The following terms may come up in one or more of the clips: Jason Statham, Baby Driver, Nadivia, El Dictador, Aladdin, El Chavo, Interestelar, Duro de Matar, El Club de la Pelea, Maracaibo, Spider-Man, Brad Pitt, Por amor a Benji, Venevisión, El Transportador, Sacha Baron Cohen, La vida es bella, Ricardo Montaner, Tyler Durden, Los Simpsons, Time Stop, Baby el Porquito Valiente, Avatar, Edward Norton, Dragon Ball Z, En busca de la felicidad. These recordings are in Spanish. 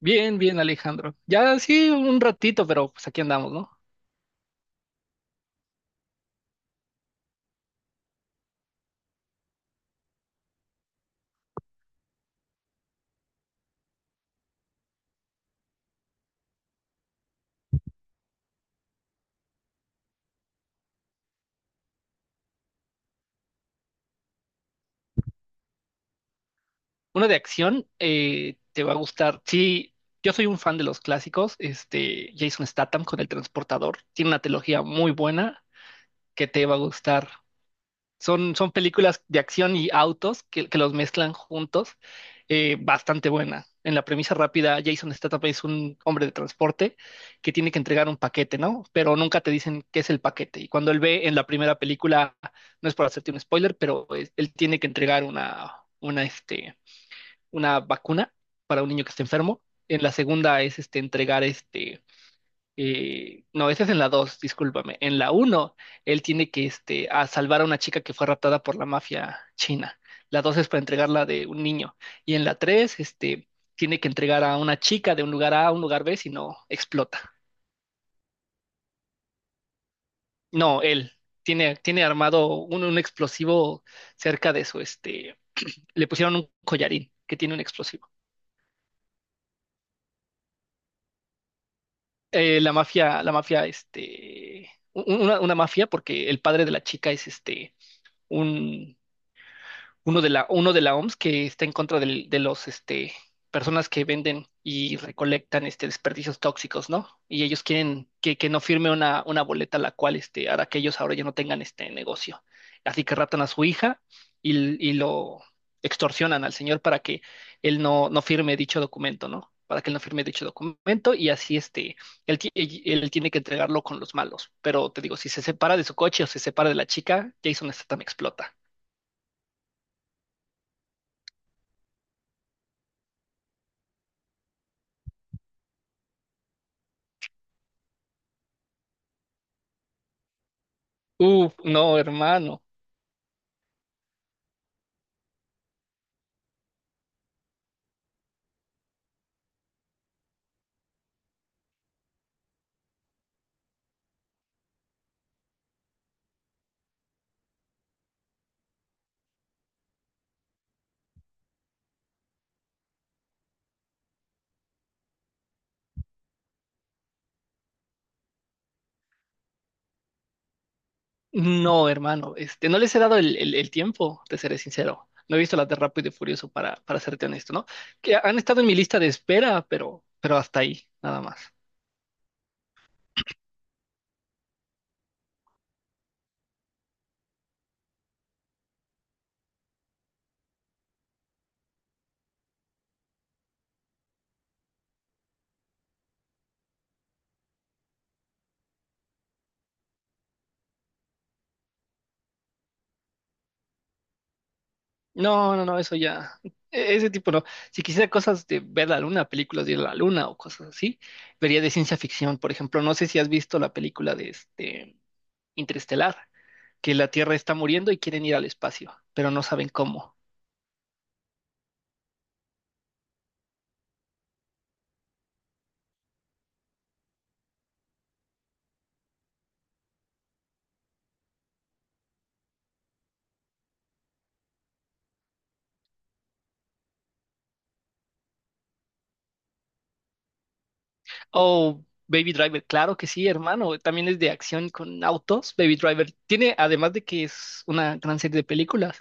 Bien, bien, Alejandro. Ya sí, un ratito, pero pues aquí andamos, ¿no? Uno de acción, te va a gustar. Sí, yo soy un fan de los clásicos. Jason Statham con El Transportador. Tiene una trilogía muy buena que te va a gustar. Son películas de acción y autos que los mezclan juntos. Bastante buena. En la premisa rápida, Jason Statham es un hombre de transporte que tiene que entregar un paquete, ¿no? Pero nunca te dicen qué es el paquete. Y cuando él ve en la primera película, no es por hacerte un spoiler, pero él tiene que entregar una vacuna para un niño que está enfermo. En la segunda es entregar no, ese es en la 2. Discúlpame. En la uno, él tiene que a salvar a una chica que fue raptada por la mafia china. La 2 es para entregarla de un niño. Y en la 3, tiene que entregar a una chica de un lugar A a un lugar B, si no, explota. No, él tiene armado un explosivo cerca de su, le pusieron un collarín que tiene un explosivo. La mafia, una mafia, porque el padre de la chica es un uno de la OMS que está en contra de los, personas que venden y recolectan, desperdicios tóxicos, ¿no? Y ellos quieren que no firme una boleta la cual, hará que ellos ahora ya no tengan este negocio. Así que raptan a su hija y lo extorsionan al señor para que él no firme dicho documento, ¿no? Para que él no firme dicho documento y así, él tiene que entregarlo con los malos. Pero te digo, si se separa de su coche o se separa de la chica, Jason Statham explota. Uf, no, hermano. No, hermano. No les he dado el tiempo, te seré sincero. No he visto las de Rápido y Furioso para serte honesto, ¿no? Que han estado en mi lista de espera, pero hasta ahí, nada más. No, no, no, eso ya. Ese tipo no. Si quisiera cosas de ver la luna, películas de la luna o cosas así, vería de ciencia ficción. Por ejemplo, no sé si has visto la película de Interestelar, que la Tierra está muriendo y quieren ir al espacio, pero no saben cómo. Oh, Baby Driver, claro que sí, hermano. También es de acción con autos. Baby Driver tiene, además de que es una gran serie de películas,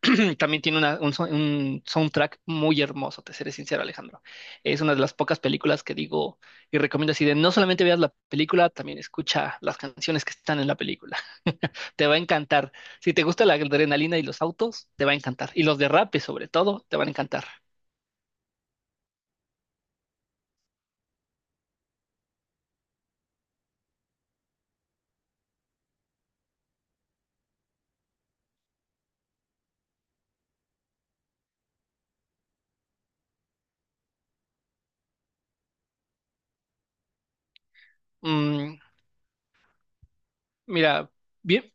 también tiene un soundtrack muy hermoso, te seré sincero, Alejandro. Es una de las pocas películas que digo y recomiendo así de no solamente veas la película, también escucha las canciones que están en la película. Te va a encantar. Si te gusta la adrenalina y los autos, te va a encantar. Y los derrapes, sobre todo, te van a encantar. Mm, mira. Bien.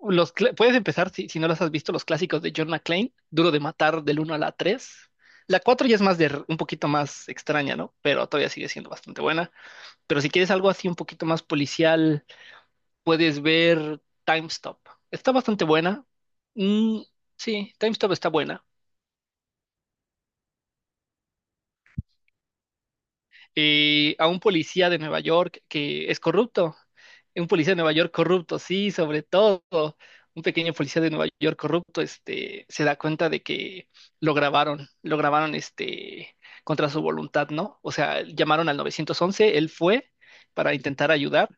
Puedes empezar, si no las has visto, los clásicos de John McClane, Duro de Matar del uno a la tres. La 4 ya es más un poquito más extraña, ¿no? Pero todavía sigue siendo bastante buena. Pero si quieres algo así un poquito más policial, puedes ver Time Stop. Está bastante buena. Mm, sí, Time Stop está buena. A un policía de Nueva York que es corrupto. Un policía de Nueva York corrupto, sí, sobre todo. Un pequeño policía de Nueva York corrupto, se da cuenta de que lo grabaron, contra su voluntad, ¿no? O sea, llamaron al 911, él fue para intentar ayudar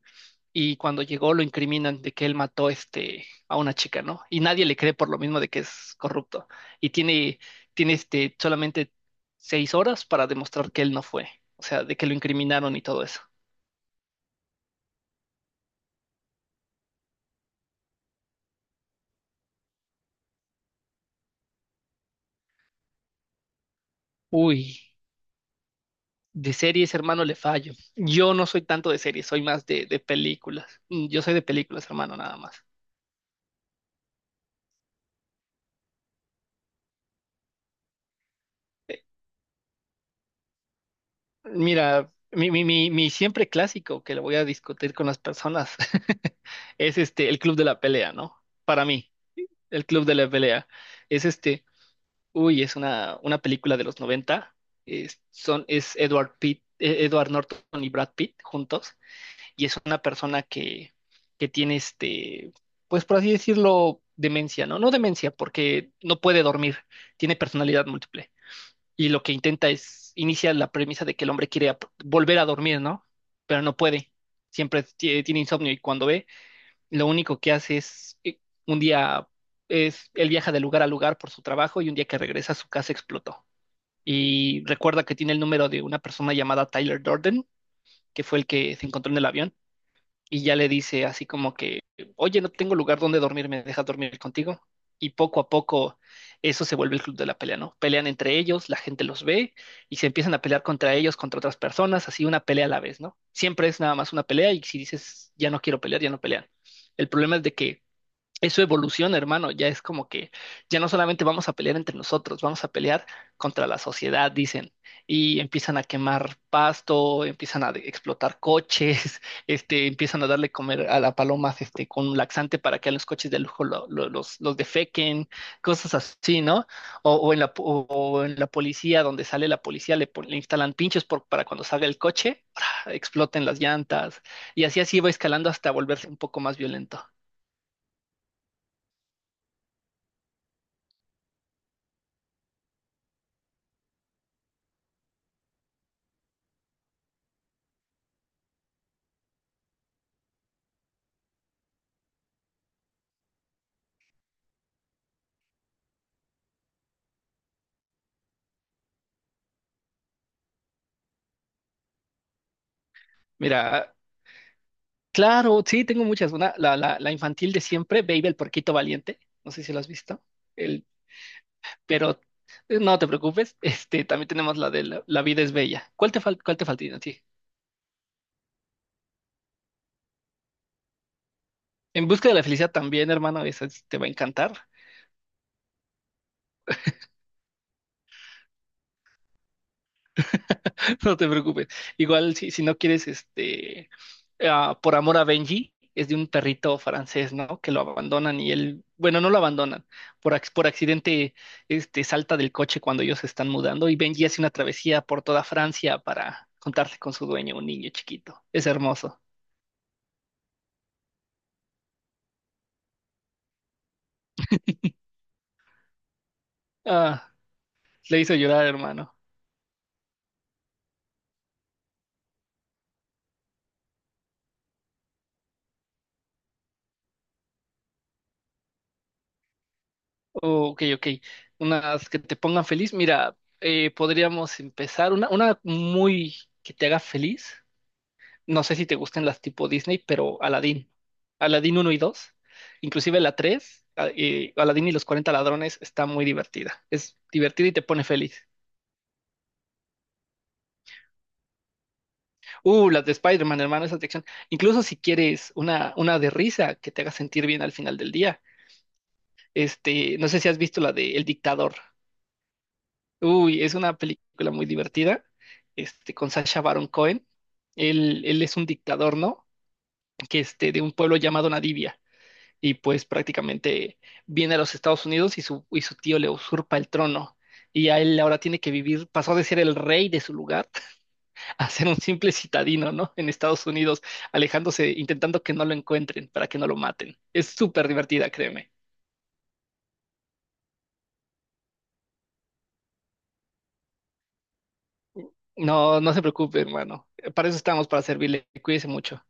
y cuando llegó lo incriminan de que él mató a una chica, ¿no? Y nadie le cree por lo mismo de que es corrupto. Y tiene solamente 6 horas para demostrar que él no fue, o sea, de que lo incriminaron y todo eso. Uy, de series, hermano, le fallo. Yo no soy tanto de series, soy más de películas. Yo soy de películas, hermano, nada más. Eh, Mira, mi siempre clásico que lo voy a discutir con las personas es el club de la pelea, ¿no? Para mí. El Club de la Pelea. Es este, es una película de los noventa. Es Edward Pitt, Edward Norton y Brad Pitt juntos. Y es una persona que tiene pues por así decirlo, demencia, ¿no? No demencia, porque no puede dormir. Tiene personalidad múltiple. Y lo que intenta es, inicia la premisa de que el hombre quiere volver a dormir, ¿no? Pero no puede. Siempre tiene insomnio y cuando ve lo único que hace es un día es él viaja de lugar a lugar por su trabajo y un día que regresa su casa explotó. Y recuerda que tiene el número de una persona llamada Tyler Durden, que fue el que se encontró en el avión, y ya le dice así como que, oye, no tengo lugar donde dormir, ¿me dejas dormir contigo? Y poco a poco eso se vuelve el club de la pelea, ¿no? Pelean entre ellos, la gente los ve y se empiezan a pelear contra ellos, contra otras personas, así una pelea a la vez, ¿no? Siempre es nada más una pelea y si dices, ya no quiero pelear, ya no pelean. El problema es de que eso evoluciona, hermano. Ya es como que ya no solamente vamos a pelear entre nosotros, vamos a pelear contra la sociedad, dicen. Y empiezan a quemar pasto, empiezan a explotar coches, empiezan a darle comer a las palomas, con un laxante para que a los coches de lujo los defequen, cosas así, ¿no? O en la policía, donde sale la policía, le instalan pinchos para cuando salga el coche, exploten las llantas. Y así así va escalando hasta volverse un poco más violento. Mira, claro, sí, tengo muchas. Una, la infantil de siempre, Baby el Porquito Valiente. No sé si lo has visto. El, pero no te preocupes. También tenemos la de La vida es bella. Cuál te falta a ti? En busca de la felicidad también, hermano, esa te va a encantar. No te preocupes. Igual si no quieres por amor a Benji, es de un perrito francés, ¿no? Que lo abandonan y él, bueno, no lo abandonan, por accidente, salta del coche cuando ellos se están mudando y Benji hace una travesía por toda Francia para contarse con su dueño, un niño chiquito. Es hermoso. Ah, le hizo llorar, hermano. Oh, ok, ok. Unas que te pongan feliz. Mira, podríamos empezar una muy que te haga feliz. No sé si te gustan las tipo Disney, pero Aladdin. Aladdin uno y 2, inclusive la 3, Aladdin y los 40 ladrones, está muy divertida. Es divertida y te pone feliz. Las de Spider-Man, hermano, esas de acción. Incluso si quieres una de risa que te haga sentir bien al final del día. No sé si has visto la de El Dictador. Uy, es una película muy divertida, con Sacha Baron Cohen. Él es un dictador, ¿no? Que de un pueblo llamado Nadivia. Y pues prácticamente viene a los Estados Unidos y su tío le usurpa el trono. Y a él ahora tiene que vivir, pasó de ser el rey de su lugar a ser un simple citadino, ¿no? En Estados Unidos, alejándose, intentando que no lo encuentren, para que no lo maten. Es súper divertida, créeme. No, no se preocupe, hermano. Para eso estamos, para servirle. Cuídese mucho.